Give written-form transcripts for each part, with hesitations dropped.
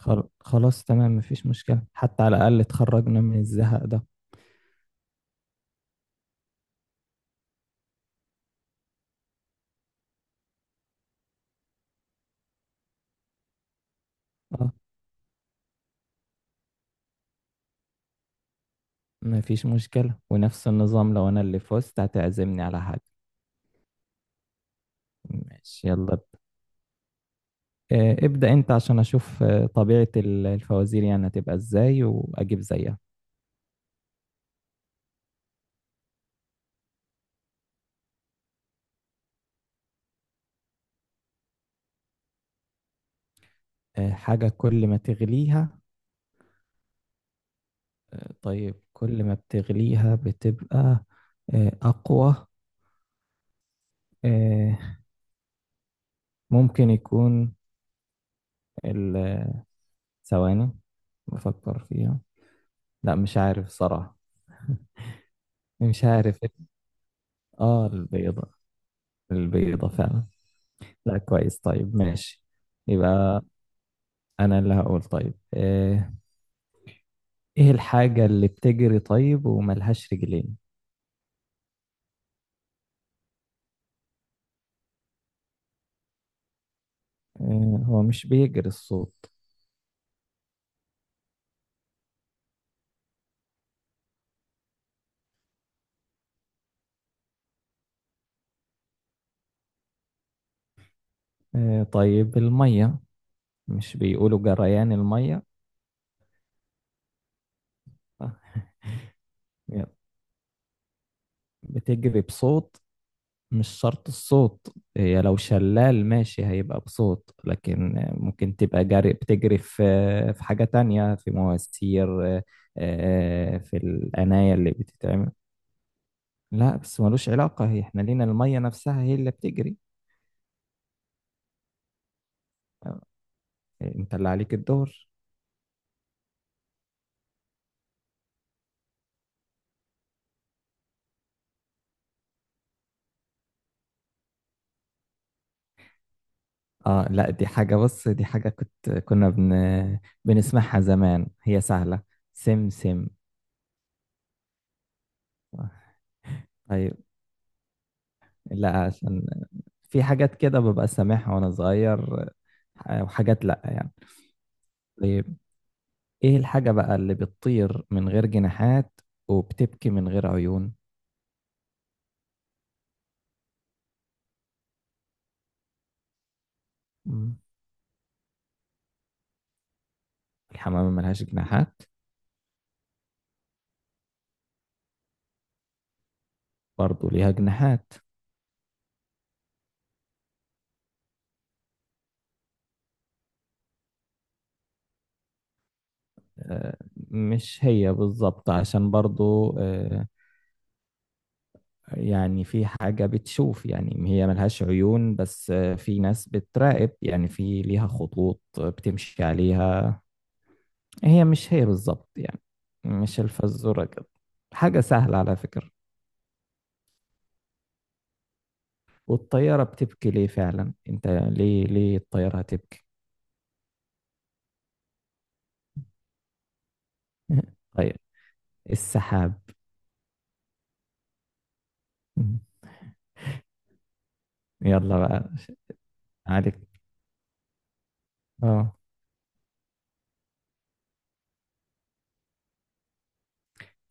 خلاص تمام. مفيش مشكلة، حتى على الأقل اتخرجنا من الزهق ده. اه، مفيش مشكلة، ونفس النظام لو أنا اللي فزت هتعزمني على حاجة. ماشي، يلا ابدأ أنت عشان أشوف طبيعة الفوازير يعني هتبقى إزاي وأجيب زيها. حاجة كل ما تغليها؟ طيب، كل ما بتغليها بتبقى أقوى. آه، ممكن يكون ال- ثواني، بفكر فيها. لا، مش عارف صراحة. مش عارف. اه، البيضة، البيضة فعلا. لا، كويس، طيب ماشي. يبقى انا اللي هقول. طيب ايه الحاجة اللي بتجري طيب وملهاش رجلين؟ هو مش بيجري الصوت. طيب المية، مش بيقولوا جريان المية؟ آه، يلا. بتجري بصوت، مش شرط الصوت. هي لو شلال ماشي هيبقى بصوت، لكن ممكن تبقى جاري، بتجري في حاجة تانية، في مواسير. في القناية اللي بتتعمل. لا، بس ملوش علاقة، هي احنا لينا المية نفسها هي اللي بتجري. آه، انت اللي عليك الدور. اه. لا، دي حاجة، بص، دي حاجة كنا بنسمعها زمان، هي سهلة. سم، سم. طيب. لا، عشان في حاجات كده ببقى سامعها وانا صغير، وحاجات لا يعني. طيب، ايه الحاجة بقى اللي بتطير من غير جناحات وبتبكي من غير عيون؟ مم. الحمامة ملهاش جناحات. برضو ليها جناحات. آه، مش هي بالظبط عشان برضو، يعني في حاجة بتشوف، يعني هي ملهاش عيون بس في ناس بتراقب، يعني في ليها خطوط بتمشي عليها. هي مش هي بالضبط يعني. مش الفزورة كده، حاجة سهلة على فكرة. والطيارة بتبكي ليه فعلا؟ انت ليه الطيارة هتبكي؟ طيب، السحاب. يلا بقى، عليك. اه.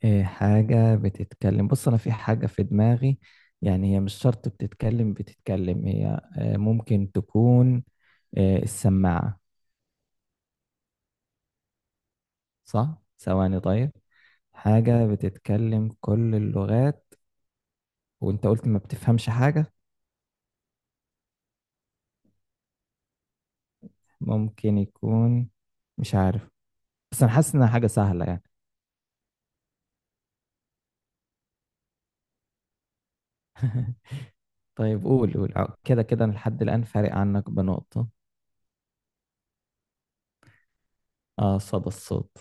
إيه حاجة بتتكلم؟ بص، أنا في حاجة في دماغي. يعني هي مش شرط بتتكلم، بتتكلم هي ممكن تكون السماعة؟ صح؟ ثواني طيب. حاجة بتتكلم كل اللغات وأنت قلت ما بتفهمش حاجة. ممكن يكون. مش عارف. بس انا حاسس انها حاجة سهلة يعني. طيب قول، قول. كده كده أنا لحد الآن فارق عنك بنقطة. اه، صدى الصوت.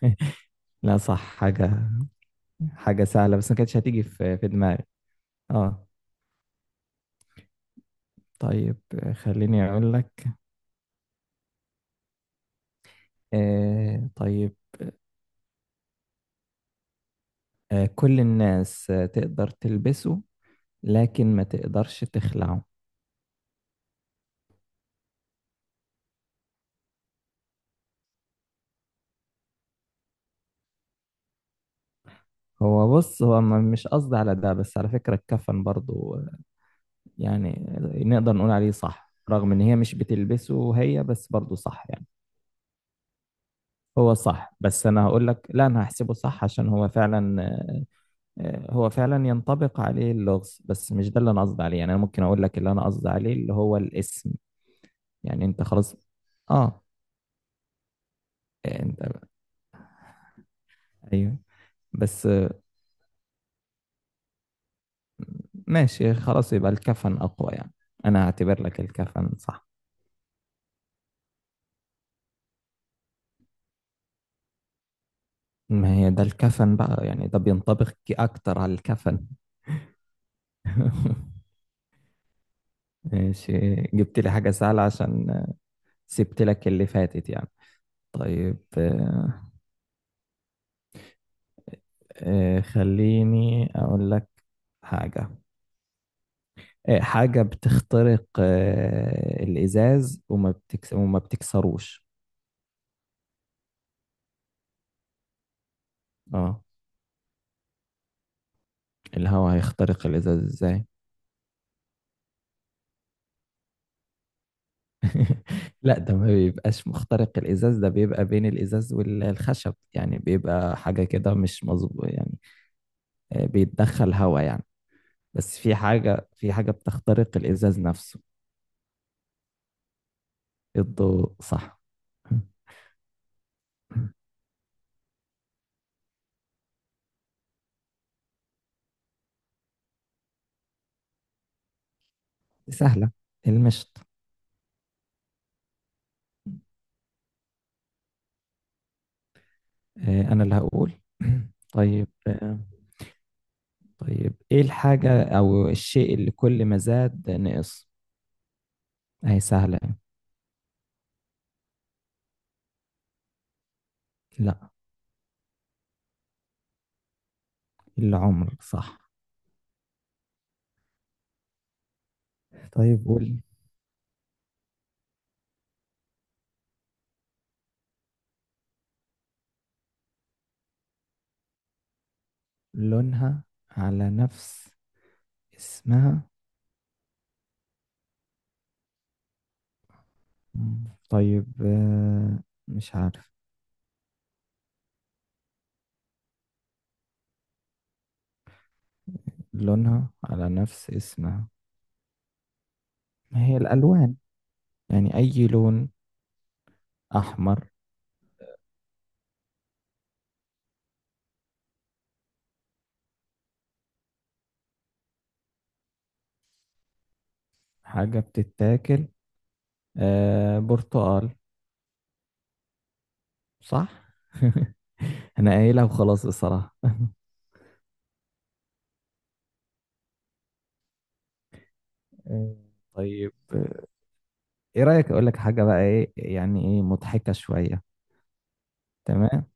لا صح، حاجة، حاجة سهلة بس ما كانتش هتيجي في دماغي. اه، طيب، خليني أقول لك. طيب. كل الناس تقدر تلبسه لكن ما تقدرش تخلعه. هو بص، هو مش قصدي على ده، بس على فكرة الكفن برضو يعني نقدر نقول عليه صح، رغم ان هي مش بتلبسه هي، بس برضه صح يعني. هو صح، بس انا هقول لك لا، انا هحسبه صح عشان هو فعلا، هو فعلا ينطبق عليه اللغز، بس مش ده اللي انا قصدي عليه. يعني انا ممكن اقول لك اللي انا قصدي عليه، اللي هو الاسم. يعني انت خلاص. اه. انت. ايوه. بس. ماشي خلاص، يبقى الكفن اقوى يعني. انا هعتبر لك الكفن صح. ما هي ده الكفن بقى يعني، ده بينطبق اكتر على الكفن. ماشي، جبت لي حاجة سهلة عشان سبت لك اللي فاتت يعني. طيب، خليني أقول لك حاجة. حاجة بتخترق الإزاز وما بتكسروش. اه، الهواء. هيخترق الإزاز إزاي؟ لا، ده ما بيبقاش مخترق الإزاز، ده بيبقى بين الإزاز والخشب يعني، بيبقى حاجة كده مش مظبوط يعني. بيتدخل هواء يعني. بس في حاجة بتخترق الإزاز نفسه. الضوء صح. سهلة، المشط. أنا اللي هقول. طيب. طيب، إيه الحاجة أو الشيء اللي كل ما زاد نقص؟ أهي سهلة. لا، العمر صح. طيب قول. لونها على نفس اسمها. مم، طيب. مش عارف. لونها على نفس اسمها، ما هي الألوان يعني أي لون، أحمر. حاجة بتتاكل، برتقال. صح. انا قايلها وخلاص الصراحة. آه، طيب، ايه رأيك اقول لك حاجة بقى، ايه يعني، ايه مضحكة شوية. تمام.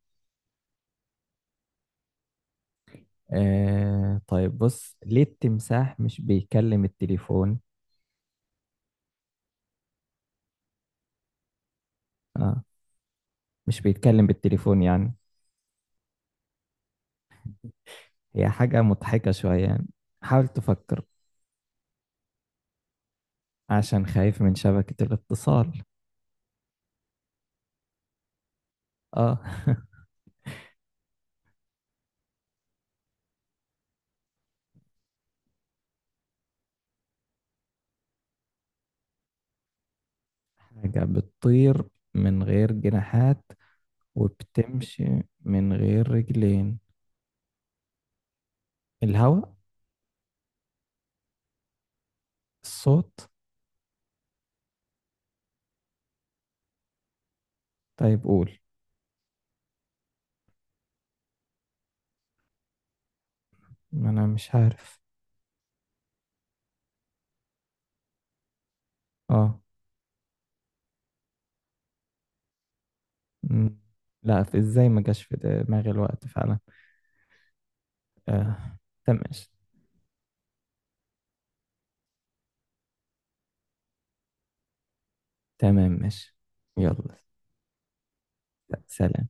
طيب، بص، ليه التمساح مش بيكلم التليفون؟ آه مش بيتكلم بالتليفون يعني. هي حاجة مضحكة شوية يعني، حاول تفكر. عشان خايف من شبكة الاتصال. اه. حاجة بتطير من غير جناحات وبتمشي من غير رجلين. الهواء. الصوت. طيب قول. ما انا مش عارف. اه. مم. لا، في ازاي ما جاش في دماغي الوقت فعلا. آه. تمام ماشي. تمام ماشي. يلا، سلام.